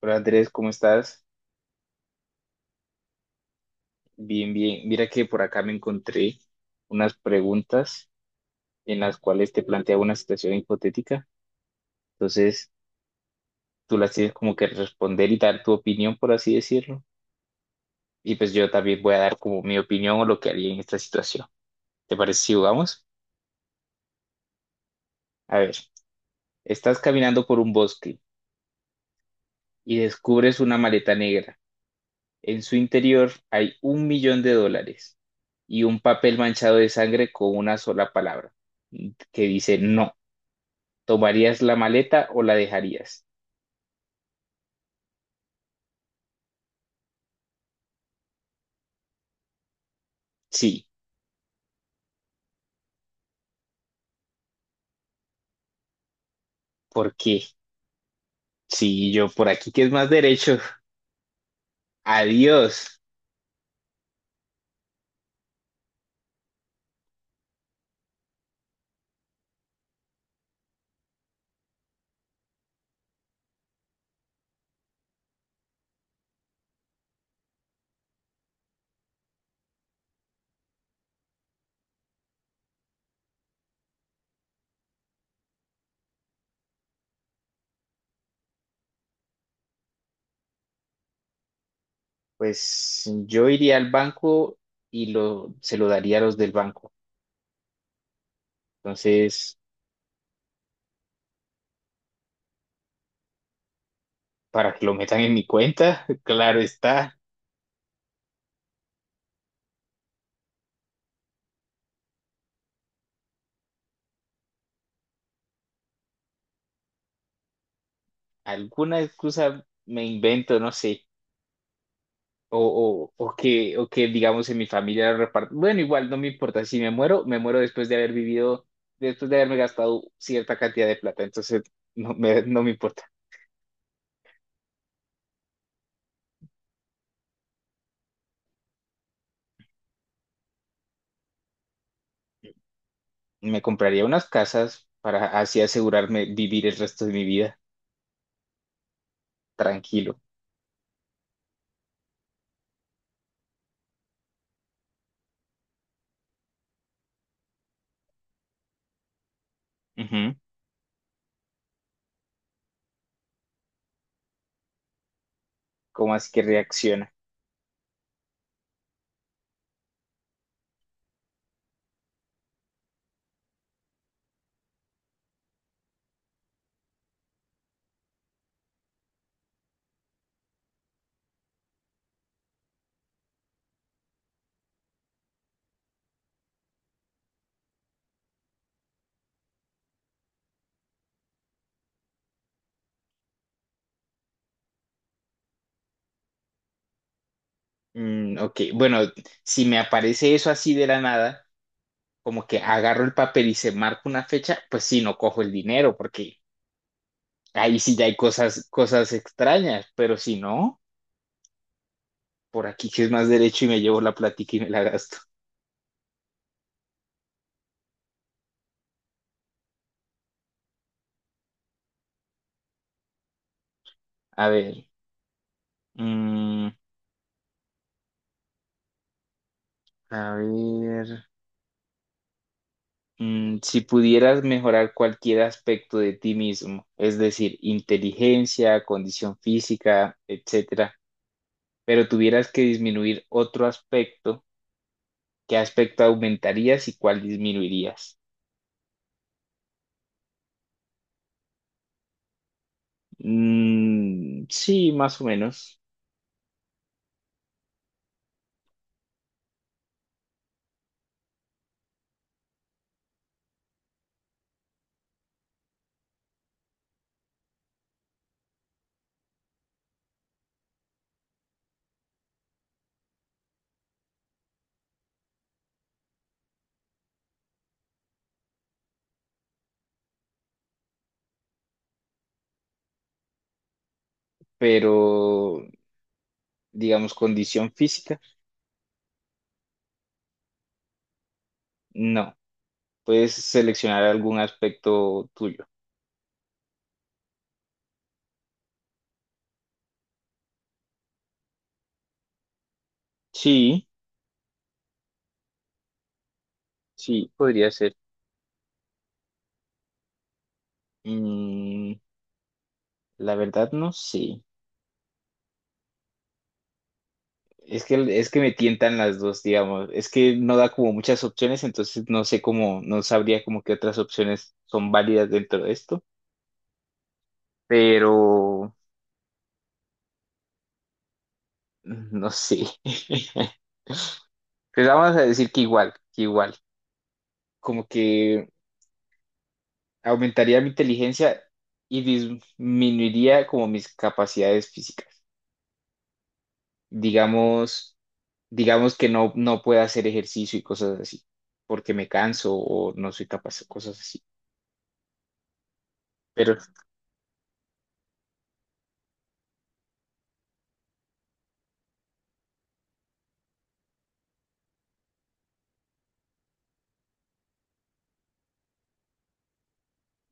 Hola Andrés, ¿cómo estás? Bien, bien. Mira que por acá me encontré unas preguntas en las cuales te planteaba una situación hipotética. Entonces, tú las tienes como que responder y dar tu opinión, por así decirlo. Y pues yo también voy a dar como mi opinión o lo que haría en esta situación. ¿Te parece si jugamos? A ver, estás caminando por un bosque y descubres una maleta negra. En su interior hay $1.000.000 y un papel manchado de sangre con una sola palabra que dice no. ¿Tomarías la maleta o la dejarías? Sí, ¿por qué? Sí, yo por aquí que es más derecho. Adiós. Pues yo iría al banco y se lo daría a los del banco. Entonces, para que lo metan en mi cuenta, claro está. Alguna excusa me invento, no sé. O que digamos en mi familia lo reparto. Bueno, igual no me importa. Si me muero, me muero después de haber vivido, después de haberme gastado cierta cantidad de plata. Entonces, no me importa. Me compraría unas casas para así asegurarme vivir el resto de mi vida tranquilo. Ujú. ¿Cómo así que reacciona? Ok, bueno, si me aparece eso así de la nada, como que agarro el papel y se marca una fecha, pues sí, no cojo el dinero, porque ahí sí ya hay cosas, extrañas, pero si no, por aquí que es más derecho y me llevo la plática y me la gasto. A ver, mm, a ver. Mm, si pudieras mejorar cualquier aspecto de ti mismo, es decir, inteligencia, condición física, etcétera, pero tuvieras que disminuir otro aspecto, ¿qué aspecto aumentarías y cuál disminuirías? Mm, sí, más o menos, pero digamos, condición física, no. Puedes seleccionar algún aspecto tuyo. Sí, sí, podría ser. Mm, la verdad no sé. Es que me tientan las dos, digamos. Es que no da como muchas opciones, entonces no sé cómo, no sabría como qué otras opciones son válidas dentro de esto, pero no sé. Pues vamos a decir que igual, que igual. Como que aumentaría mi inteligencia y disminuiría como mis capacidades físicas. Digamos, digamos que no pueda hacer ejercicio y cosas así, porque me canso o no soy capaz cosas así. Pero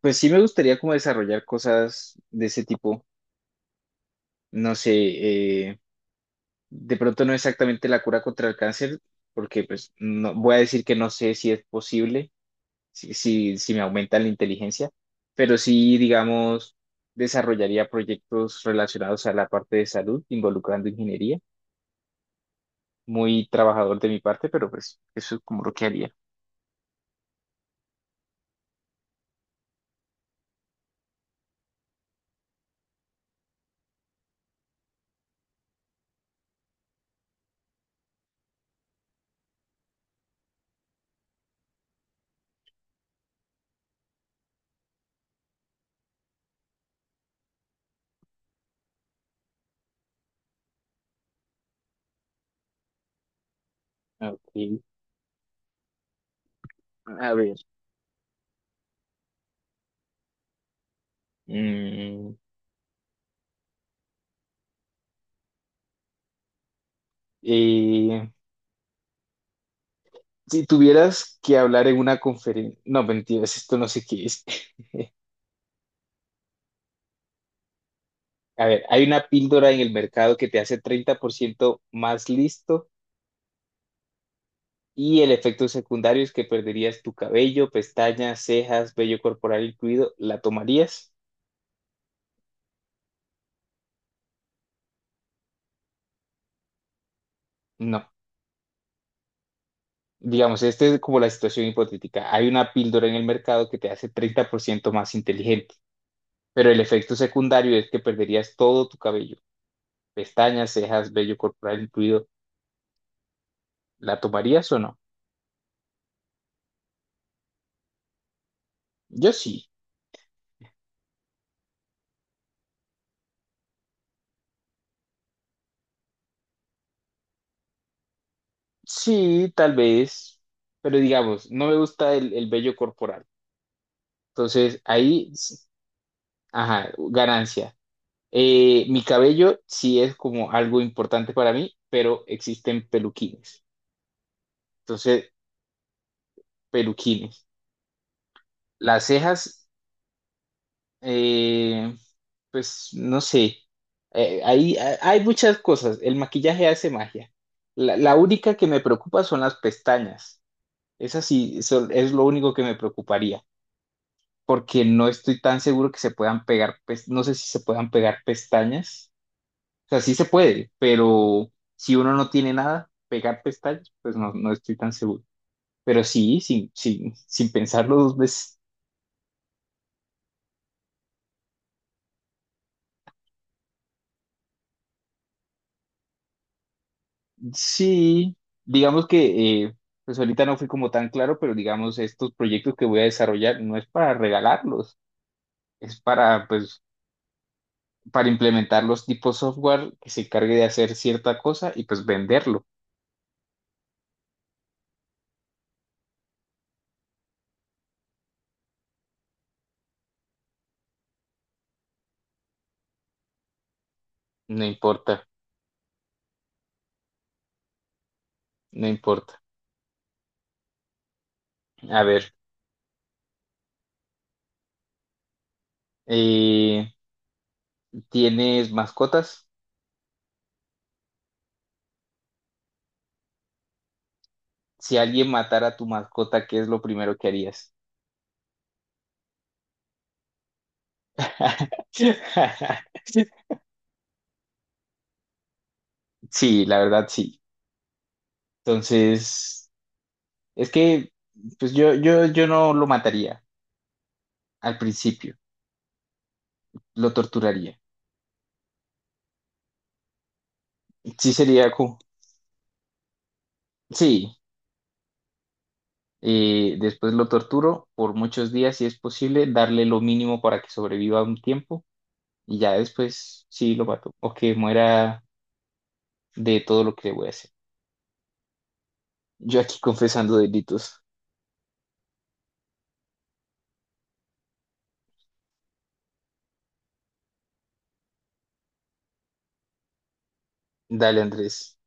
pues sí me gustaría como desarrollar cosas de ese tipo. No sé, de pronto no exactamente la cura contra el cáncer, porque pues no, voy a decir que no sé si es posible, si me aumenta la inteligencia, pero sí, digamos, desarrollaría proyectos relacionados a la parte de salud, involucrando ingeniería. Muy trabajador de mi parte, pero pues eso es como lo que haría. Ok, a ver. Mm, eh, si tuvieras que hablar en una conferencia, no, mentiras, esto no sé qué es. A ver, hay una píldora en el mercado que te hace 30% más listo y el efecto secundario es que perderías tu cabello, pestañas, cejas, vello corporal incluido. ¿La tomarías? No. Digamos, esta es como la situación hipotética. Hay una píldora en el mercado que te hace 30% más inteligente, pero el efecto secundario es que perderías todo tu cabello, pestañas, cejas, vello corporal incluido. ¿La tomarías o no? Yo sí. Sí, tal vez, pero digamos, no me gusta el vello corporal. Entonces, ahí, s- ajá, ganancia. Mi cabello sí es como algo importante para mí, pero existen peluquines. Entonces, peluquines. Las cejas, eh, pues no sé. Ahí a- hay muchas cosas. El maquillaje hace magia. La única que me preocupa son las pestañas. Esas sí, son, es lo único que me preocuparía, porque no estoy tan seguro que se puedan pegar, pes- no sé si se puedan pegar pestañas. O sea, sí se puede, pero si uno no tiene nada, pegar pestañas, pues no, no estoy tan seguro. Pero sí, sin pensarlo dos veces, sí, digamos que, pues ahorita no fui como tan claro, pero digamos, estos proyectos que voy a desarrollar no es para regalarlos, es para, pues, para implementar los tipos software que se encargue de hacer cierta cosa y pues venderlo. No importa, no importa. A ver. Eh, ¿Tienes mascotas? Si alguien matara a tu mascota, ¿qué es lo primero que harías? Sí, la verdad sí. Entonces, es que pues yo no lo mataría al principio, lo torturaría. Sí sería como, sí, después lo torturo por muchos días si es posible, darle lo mínimo para que sobreviva un tiempo y ya después sí lo mato o que muera de todo lo que le voy a hacer. Yo aquí confesando delitos. Dale, Andrés.